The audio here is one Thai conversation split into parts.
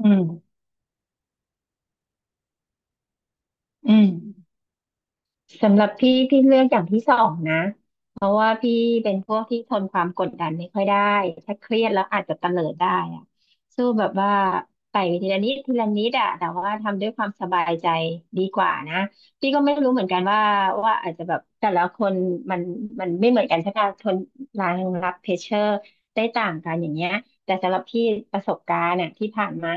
อืมอืมสำหรับพี่เลือกอย่างที่สองนะเพราะว่าพี่เป็นพวกที่ทนความกดดันไม่ค่อยได้ถ้าเครียดแล้วอาจจะเตลิดได้อะสู้แบบว่าไต่ไปทีละนิดทีละนิดอะแต่ว่าทำด้วยความสบายใจดีกว่านะพี่ก็ไม่รู้เหมือนกันว่าอาจจะแบบแต่ละคนมันมันไม่เหมือนกันใช่ไหมทนรางรับเพชเชอร์ได้ต่างกันอย่างเงี้ยแต่สำหรับพี่ประสบการณ์อะที่ผ่านมา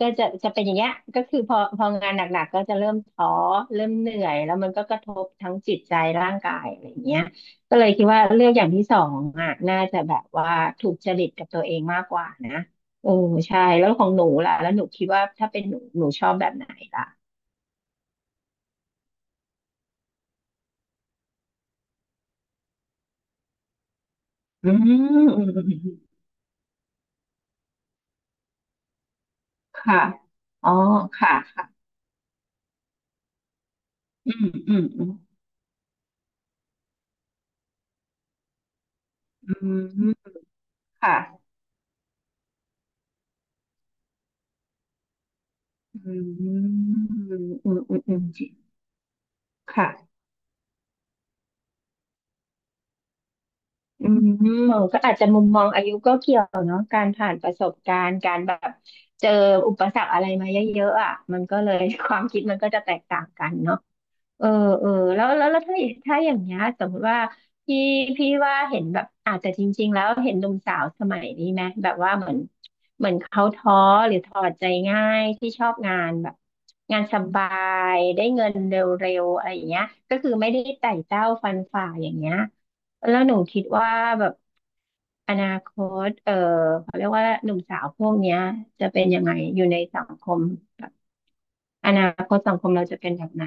ก็จะเป็นอย่างเงี้ยก็คือพองานหนักๆก็จะเริ่มท้อเริ่มเหนื่อยแล้วมันก็กระทบทั้งจิตใจร่างกายอะไรอย่างเงี้ยก็เลยคิดว่าเลือกอย่างที่สองอ่ะน่าจะแบบว่าถูกจริตกับตัวเองมากกว่านะโอ้ใช่แล้วของหนูล่ะแล้วหนูคิดว่าถ้าเป็นหนูชอบแบบไหนล่ะอืมอืมอืมอืมค่ะอ๋อค่ะค่ะอืมอืมอืมอืมค่ะอืมอืมอืมอืมอืมจริงค่ะ อืมก็อาจจะมุมมองอายุก็เกี่ยวเนาะการผ่านประสบการณ์การแบบเจออุปสรรคอะไรมาเยอะๆอ่ะมันก็เลย ความคิดมันก็จะแตกต่างกันเนาะ เออเออแล้วถ้าอย่างเงี้ยสมมติว่าพี่พี่ว่าเห็นแบบอาจจะแต่จริงๆแล้วเห็นหนุ่มสาวสมัยนี้ไหมแบบว่าเหมือนเขาท้อหรือถอดใจง่ายที่ชอบงานแบบงานสบายได้เงินเร็วๆอะไรอย่างเงี้ยก็คือไม่ได้ไต่เต้าฟันฝ่าอย่างเงี้ยแล้วหนูคิดว่าแบบอนาคตเออเขาเรียกว่าหนุ่มสาวพวกเนี้ยจะเป็นยังไงอยู่ในสังคมแบบอนาคตสังคมเราจะเป็นแบบไหน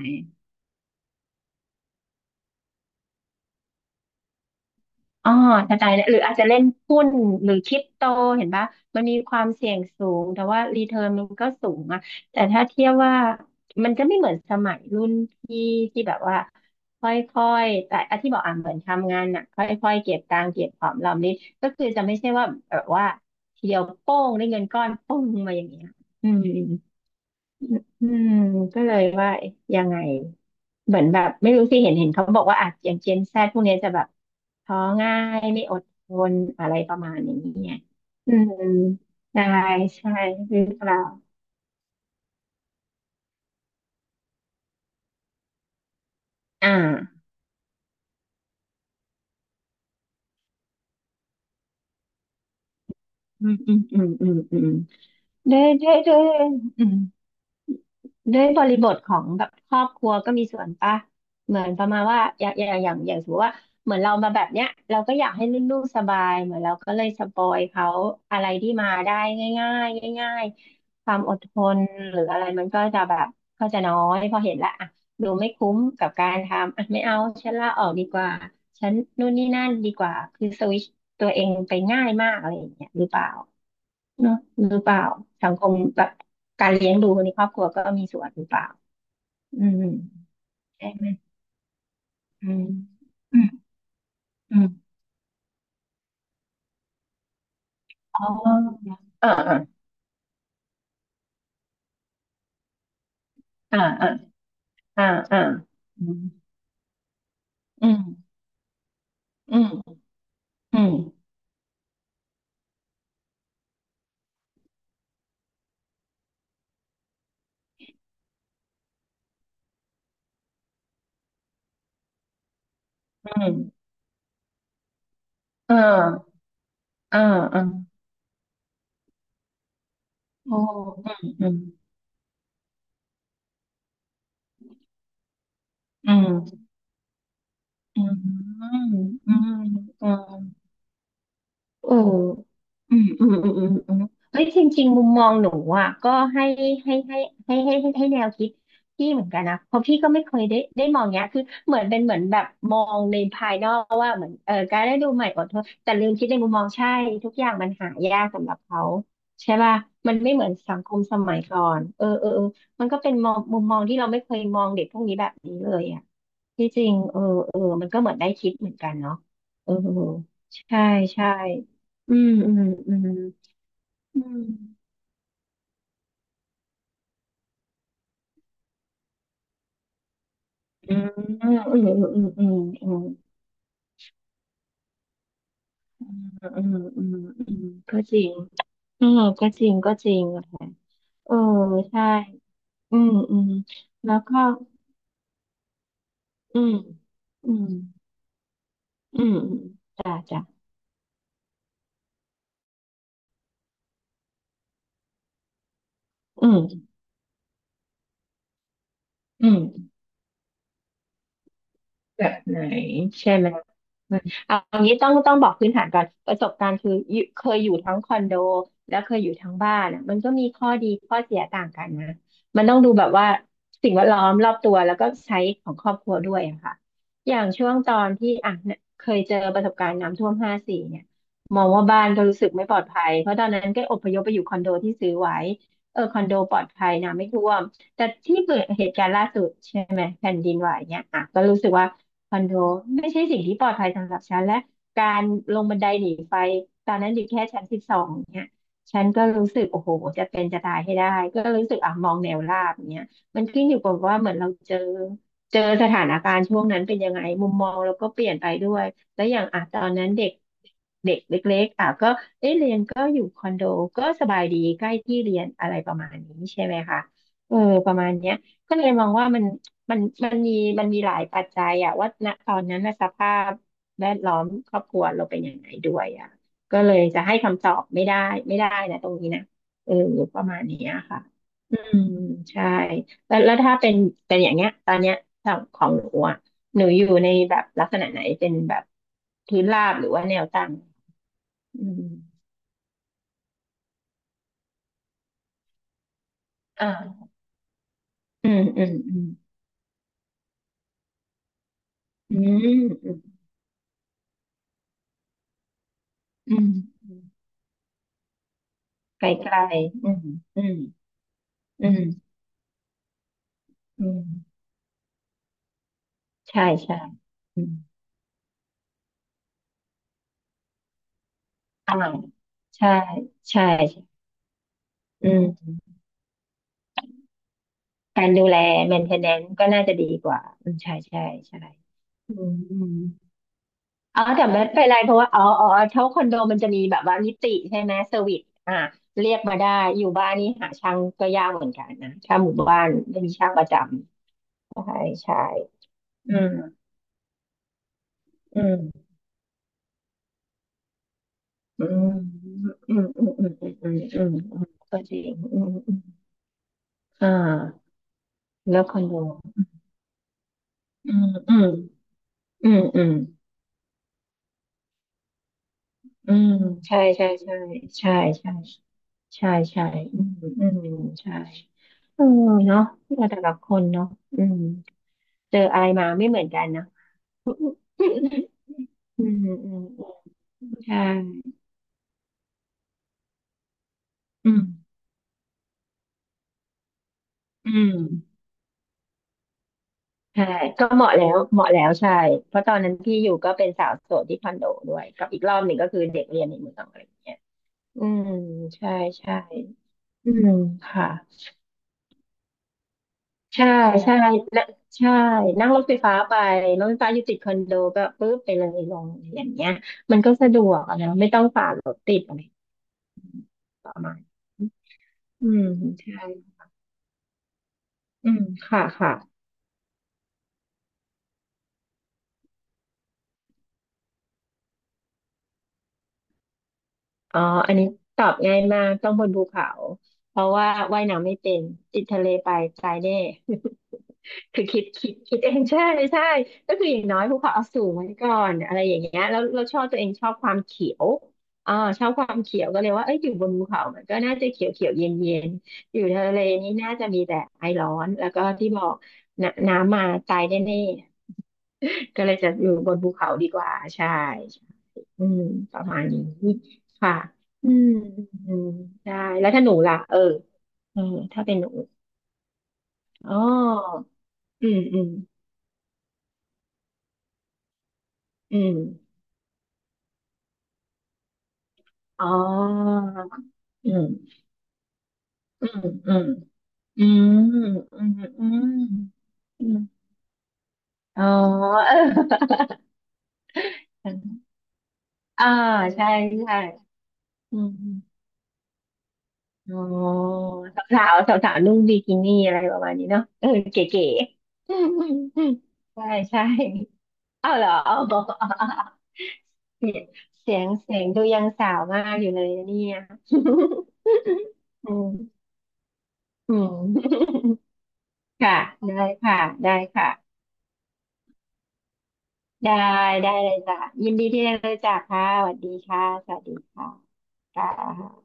อ๋อกระจายเนี่ยหรืออาจจะเล่นหุ้นหรือคริปโตเห็นปะมันมีความเสี่ยงสูงแต่ว่ารีเทิร์นมันก็สูงอะแต่ถ้าเทียบว่ามันจะไม่เหมือนสมัยรุ่นพี่ที่แบบว่าค่อยๆแต่อะที่บอกอ่ะเหมือนทำงานน่ะค่อยๆเก็บตังค์เก็บหอมรอมริบก็คือจะไม่ใช่ว่าแบบว่าทีเดียวโป้งได้เงินก้อนโป้งมาอย่างเงี้ยอืม อืมก็เลยว่ายังไงเหมือนแบบไม่รู้สิเห็นเขาบอกว่าอาจอย่างเจนแซดพวกเนี้ยจะแบบท้อง่ายไม่อดทนอะไรประมาณอย่างนี้ไงอืมได้ใช่หรือเปล่าอ่าอืมอืมอืมอืมอืมได้ได้ได้อืม ด้วยบริบทของแบบครอบครัวก็มีส่วนปะเหมือนประมาณว่าอย่างสมมติว่าเหมือนเรามาแบบเนี้ยเราก็อยากให้ลูกๆสบายเหมือนเราก็เลยสปอยเขาอะไรที่มาได้ง่ายๆง่ายๆความอดทนหรืออะไรมันก็จะแบบก็จะน้อยพอเห็นละอ่ะดูไม่คุ้มกับการทำอ่ะไม่เอาฉันลาออกดีกว่าฉันนู่นนี่นั่นดีกว่าคือสวิตชตัวเองไปง่ายมากอะไรอย่างเงี้ยหรือเปล่า เนอะหรือเปล่าสังคมแบบการเลี้ยงดูในครอบครัวก็มีส่วนหรือเปล่าอืมใช่ไหมอืมอืมอืมอ๋ออ่าอ่าอ่าอ่าอ่าอืมอืมอืมอืมอืมเออเออเออโอ้อืมอืมอืมอืมอืมอืม โอ้อืมอืมอืมอืมอืมเฮ้ยจริงๆ มุมมองหนูอ่ะก็ให้ให้ให้แนวคิดพี่เหมือนกันนะเพราะพี่ก็ไม่เคยได้มองเนี้ยคือเหมือนเป็นเหมือนแบบมองในภายนอกว่าเหมือนเออการได้ดูใหม่อดทนแต่ลืมคิดในมุมมองใช่ทุกอย่างมันหายากสำหรับเขาใช่ป่ะมันไม่เหมือนสังคมสมัยก่อนเออเออเออมันก็เป็นมองมุมมองที่เราไม่เคยมองเด็กพวกนี้แบบนี้เลยอ่ะที่จริงเออเออมันก็เหมือนได้คิดเหมือนกันเนาะเออใช่ ใช่ อืมอืมอืมอืมอืมอืมอืมอืมอืมอืมอืมอืมอืมก็จริงเออก็จริงอะค่ะเออใช่อืมอืมแล้วก็อืมอืมอืมจ้ะจ้ะอืมอืม แบบไหนใช่ไหมอืมเอาเอางี้ต้องบอกพื้นฐานก่อนประสบการณ์คืออยู่เคยอยู่ทั้งคอนโดแล้วเคยอยู่ทั้งบ้านอะมันก็มีข้อดีข้อเสียต่างกันนะมันต้องดูแบบว่าสิ่งแวดล้อมรอบตัวแล้วก็ใช้ของครอบครัวด้วยอะค่ะอย่างช่วงตอนที่อ่ะเนี่ยเคยเจอประสบการณ์น้ำท่วม54เนี่ยมองว่าบ้านก็รู้สึกไม่ปลอดภัยเพราะตอนนั้นก็อพยพไปอยู่คอนโดที่ซื้อไว้ เออคอนโดปลอดภัยนะไม่ท่วมแต่ที่เกิดเหตุการณ์ล่าสุดใช่ไหมแผ่นดินไหวเนี่ยอ่ะก็รู้สึกว่าคอนโดไม่ใช่สิ่งที่ปลอดภัยสำหรับฉันและการลงบันไดหนีไฟตอนนั้นอยู่แค่ชั้น12เนี่ยฉันก็รู้สึกโอ้โหจะเป็นจะตายให้ได้ก็รู้สึกอ่ะมองแนวราบเนี่ยมันขึ้นอยู่กับว่าเหมือนเราเจอสถานการณ์ช่วงนั้นเป็นยังไงมุมมองเราก็เปลี่ยนไปด้วย แล้วอย่างอ่ะตอนนั้นเด็กเด็กเล็กๆอ่ะก็เอ๊ะเรียนก็อยู่คอนโดก็สบายดีใกล้ที่เรียนอะไรประมาณนี้ใช่ไหมคะเออประมาณเนี้ยก็เลยมองว่ามันมันมันมีมันมีหลายปัจจัยอ่ะว่าณตอนนั้นนะสภาพแวดล้อมครอบครัวเราเป็นยังไงด้วยอ่ะก็เลยจะให้คำตอบไม่ได้ไม่ได้นะตรงนี้นะเออประมาณเนี้ยค่ะอืมใช่แล้วถ้าเป็นอย่างเงี้ยตอนเนี้ยของหนูอ่ะ หนูอยู่ในแบบลักษณะไหนเป็นแบบพื้นราบหรือว่าแนวตั้งอืมอ่าอืมอืมอืมอืมอืมอืมไกลไกลอืมอืมอืมอืมใช่ใช่อืมอ่าใช่ใช่ใช่อืมการดูแล maintenance ก็น่าจะดีกว่าอืมใช่ใช่ใช่อืมอืม อ๋อแต่ไม่เป็นไรเพราะว่าอ๋ออ๋อเท่าคอนโดมันจะมีแบบว่านิติใช่ไหมเซอร์วิสอ่ะเรียกมาได้อยู่บ้านนี่หาช่างก็ยากเหมือนกันนะถ้าหมู่บ้านไม่มีช่างประจำใช่ใช่อืมอืมอืมอืมอืมอืมอืมอืมอืมก็จริงอืมอืมอ่าแล้วคอนโดอืมอืมอืมอืมอืมใช่ใช่ใช่ใช่ใช่ใช่ใช่อืมอืมใช่เออเนาะแต่ละคนเนาะอืม เจออะไรมาไม่เหมือนกันเนอะ อืมอืมอืมใช่อืมอืมใช่ก็เหมาะแล้วเหมาะแล้วใช่เพราะตอนนั้นที่อยู่ก็เป็นสาวโสดที่คอนโดด้วยกับอีกรอบหนึ่งก็คือเด็กเรียนในเมืองอะไรอย่างเงี้ยอืมใช่ใช่อืมค่ะใช่ใช่และใช่นั่งรถไฟฟ้าไปรถไฟฟ้าอยู่ติดคอนโดก็ปึ๊บไปเลยลงอย่างเงี้ยมันก็สะดวกอะนะไม่ต้องฝ่ารถติดอะไรประมาณนี้อืมใช่อืมค่ะค่ะ อ๋ออันนี้ตอบง่ายมากต้องบนภูเขาเพราะว่าว่ายน้ำไม่เป็นติดทะเลไปตายแน่ คือคิดเองใช่ใช่ก็คืออย่างน้อยภูเขาเอาสูงไว้ก่อนอะไรอย่างเงี้ยแล้วเราชอบตัวเองชอบความเขียวอ่าชอบความเขียวก็เลยว่าเอ้ยอยู่บนภูเขามันก็น่าจะเขียวเขียวเย็นเย็นอยู่ทะเลนี่น่าจะมีแต่ไอร้อนแล้วก็ที่บอกนน้ำมาตายแน่ๆ ก็เลยจะอยู่บนภูเขาดีกว่าใช่ อืมประมาณนี้ค่ะอืมอืมได้แล้วถ้าหนูล่ะเออเออถ้าเป็นหนู อ๋ออืมอืมอืมอ๋ออืมอืมอืมอืมอืมอืมอืมอ๋อ เอออ่าใช่ใช่อืมอ๋อสาวสาวสาวๆนุ่งบิกินี่อะไรประมาณนี้เนาะเออเก๋ๆอืมอืมอืมใช่ใช่เอาเหรอ เสียงเสียงดูยังสาวมากอยู่เลยนะเนี่ย อืมอืม ค่ะ ได้ค่ะ ได้ค่ะ ได้ ได้เลยจ้ะยินดีที่ได้รู้จักค่ะสวัสดีค่ะ สวัสดีค่ะ ค่ะ